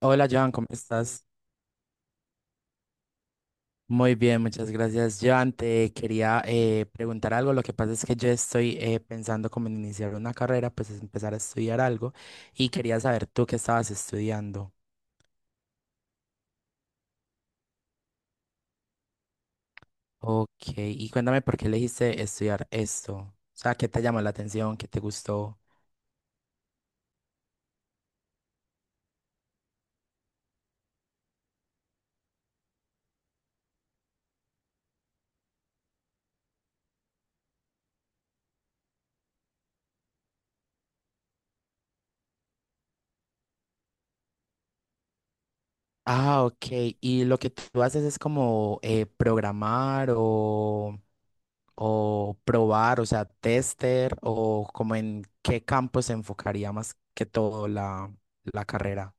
Hola, Joan, ¿cómo estás? Muy bien, muchas gracias. Joan, te quería preguntar algo. Lo que pasa es que yo estoy pensando como en iniciar una carrera, pues es empezar a estudiar algo y quería saber tú qué estabas estudiando. Ok, y cuéntame por qué elegiste estudiar esto. O sea, ¿qué te llamó la atención? ¿Qué te gustó? Ah, ok. ¿Y lo que tú haces es como programar o...? O probar, o sea, tester, o como en qué campo se enfocaría más que todo la carrera.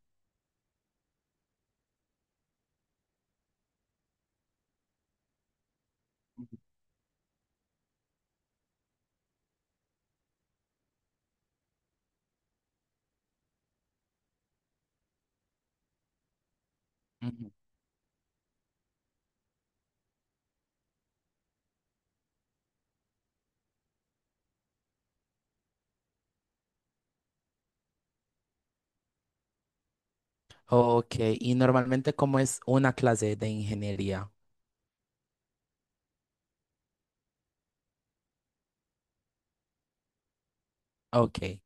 Ujú. Ok, y normalmente cómo es una clase de ingeniería. Ok.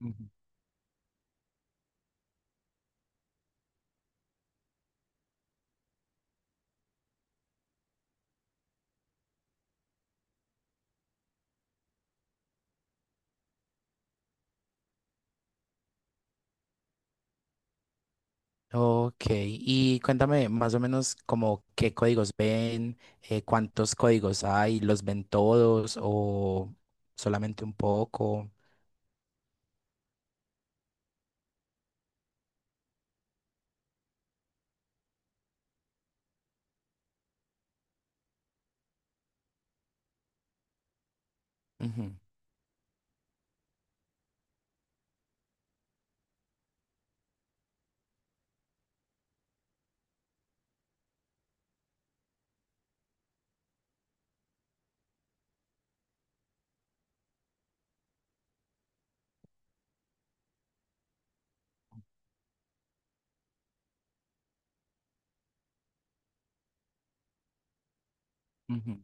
Ujú. Ok. Y cuéntame más o menos como qué códigos ven, cuántos códigos hay, los ven todos o solamente un poco. Ujú. Ujú.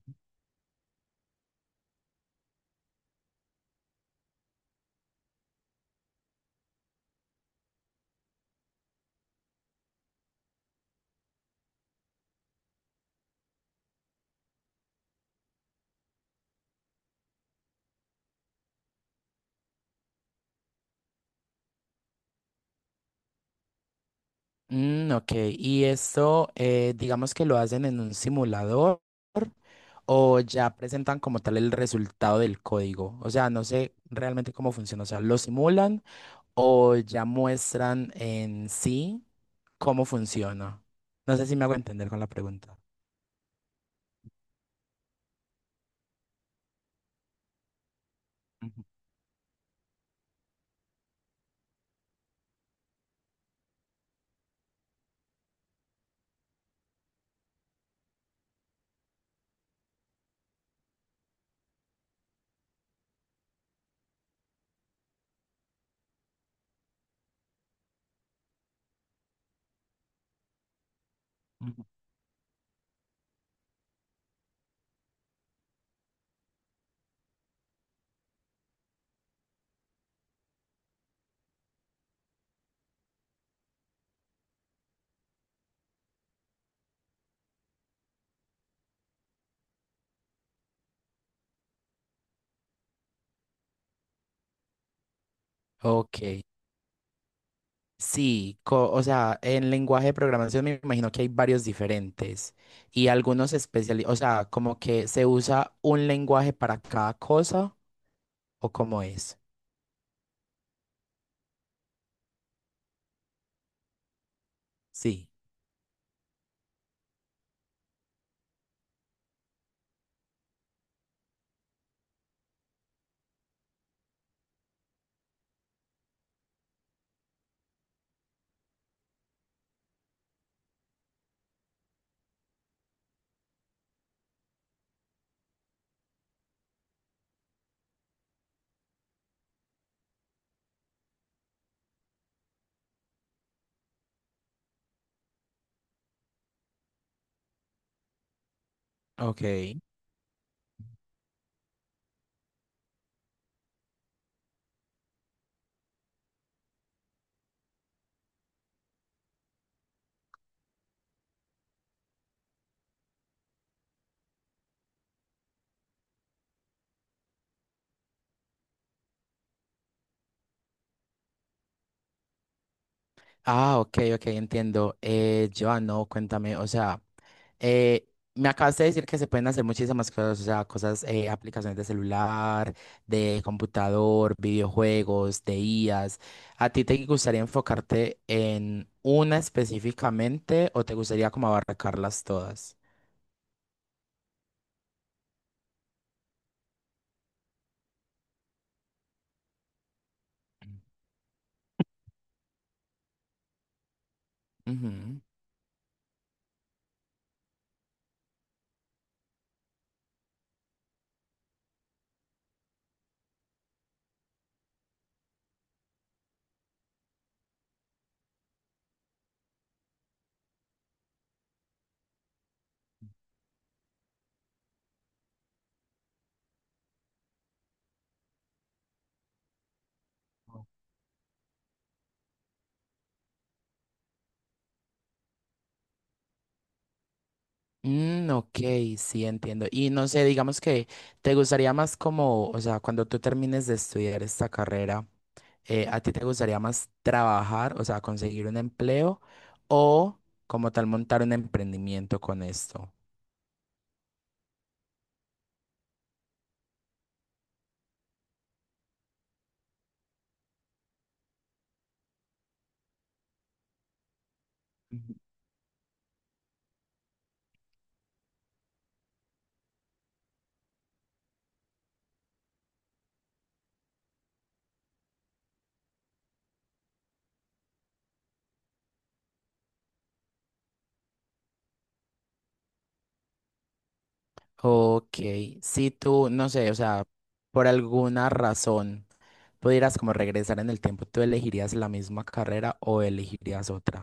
Mm, ok, y esto digamos que lo hacen en un simulador o ya presentan como tal el resultado del código. O sea, no sé realmente cómo funciona. O sea, lo simulan o ya muestran en sí cómo funciona. No sé si me hago entender con la pregunta. Ujú, ujú. Ok, sí, co- o sea, en lenguaje de programación me imagino que hay varios diferentes y algunos especializados, o sea, como que se usa un lenguaje para cada cosa o cómo es. Sí, ok. Ah, ok, ok, entiendo. Joan, no, cuéntame, o sea, eh, me acabas de decir que se pueden hacer muchísimas cosas, o sea, cosas, aplicaciones de celular, de computador, videojuegos, de IAs. ¿A ti te gustaría enfocarte en una específicamente o te gustaría como abarcarlas todas? Ujú. Mm, ok, sí, entiendo. Y no sé, digamos que te gustaría más como, o sea, cuando tú termines de estudiar esta carrera. Eh, ¿a ti te gustaría más trabajar, o sea, conseguir un empleo o como tal montar un emprendimiento con esto? Ujú. Ok, si tú, no sé, o sea, por alguna razón pudieras como regresar en el tiempo, ¿tú elegirías la misma carrera o elegirías otra?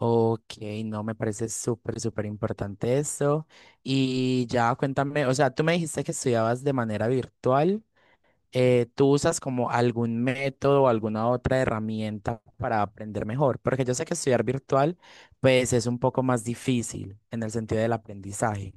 Ok, no, me parece súper, súper importante eso. Y ya cuéntame, o sea, tú me dijiste que estudiabas de manera virtual. Eh, ¿tú usas como algún método o alguna otra herramienta para aprender mejor? Porque yo sé que estudiar virtual, pues es un poco más difícil en el sentido del aprendizaje.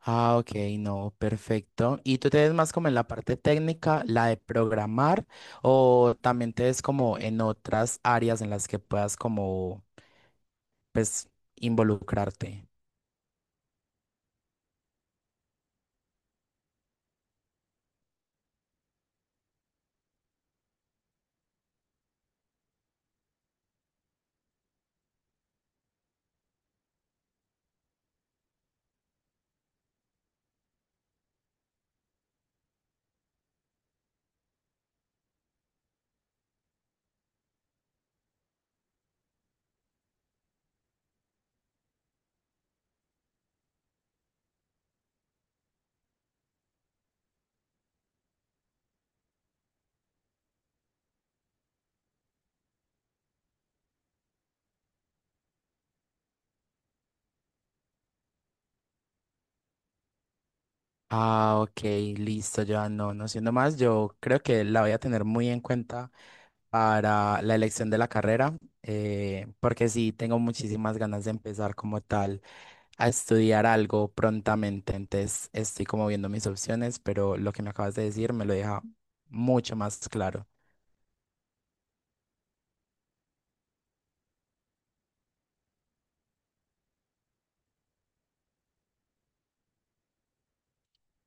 Ah, ok, no, perfecto. ¿Y tú te ves más como en la parte técnica, la de programar, o también te ves como en otras áreas en las que puedas como pues, involucrarte? Ah, ok, listo, ya no, no siendo más, yo creo que la voy a tener muy en cuenta para la elección de la carrera, porque sí, tengo muchísimas ganas de empezar como tal a estudiar algo prontamente, entonces estoy como viendo mis opciones, pero lo que me acabas de decir me lo deja mucho más claro.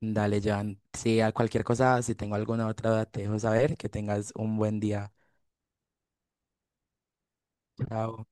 Dale, Joan, si a cualquier cosa, si tengo alguna otra duda, te dejo saber, que tengas un buen día. Chao.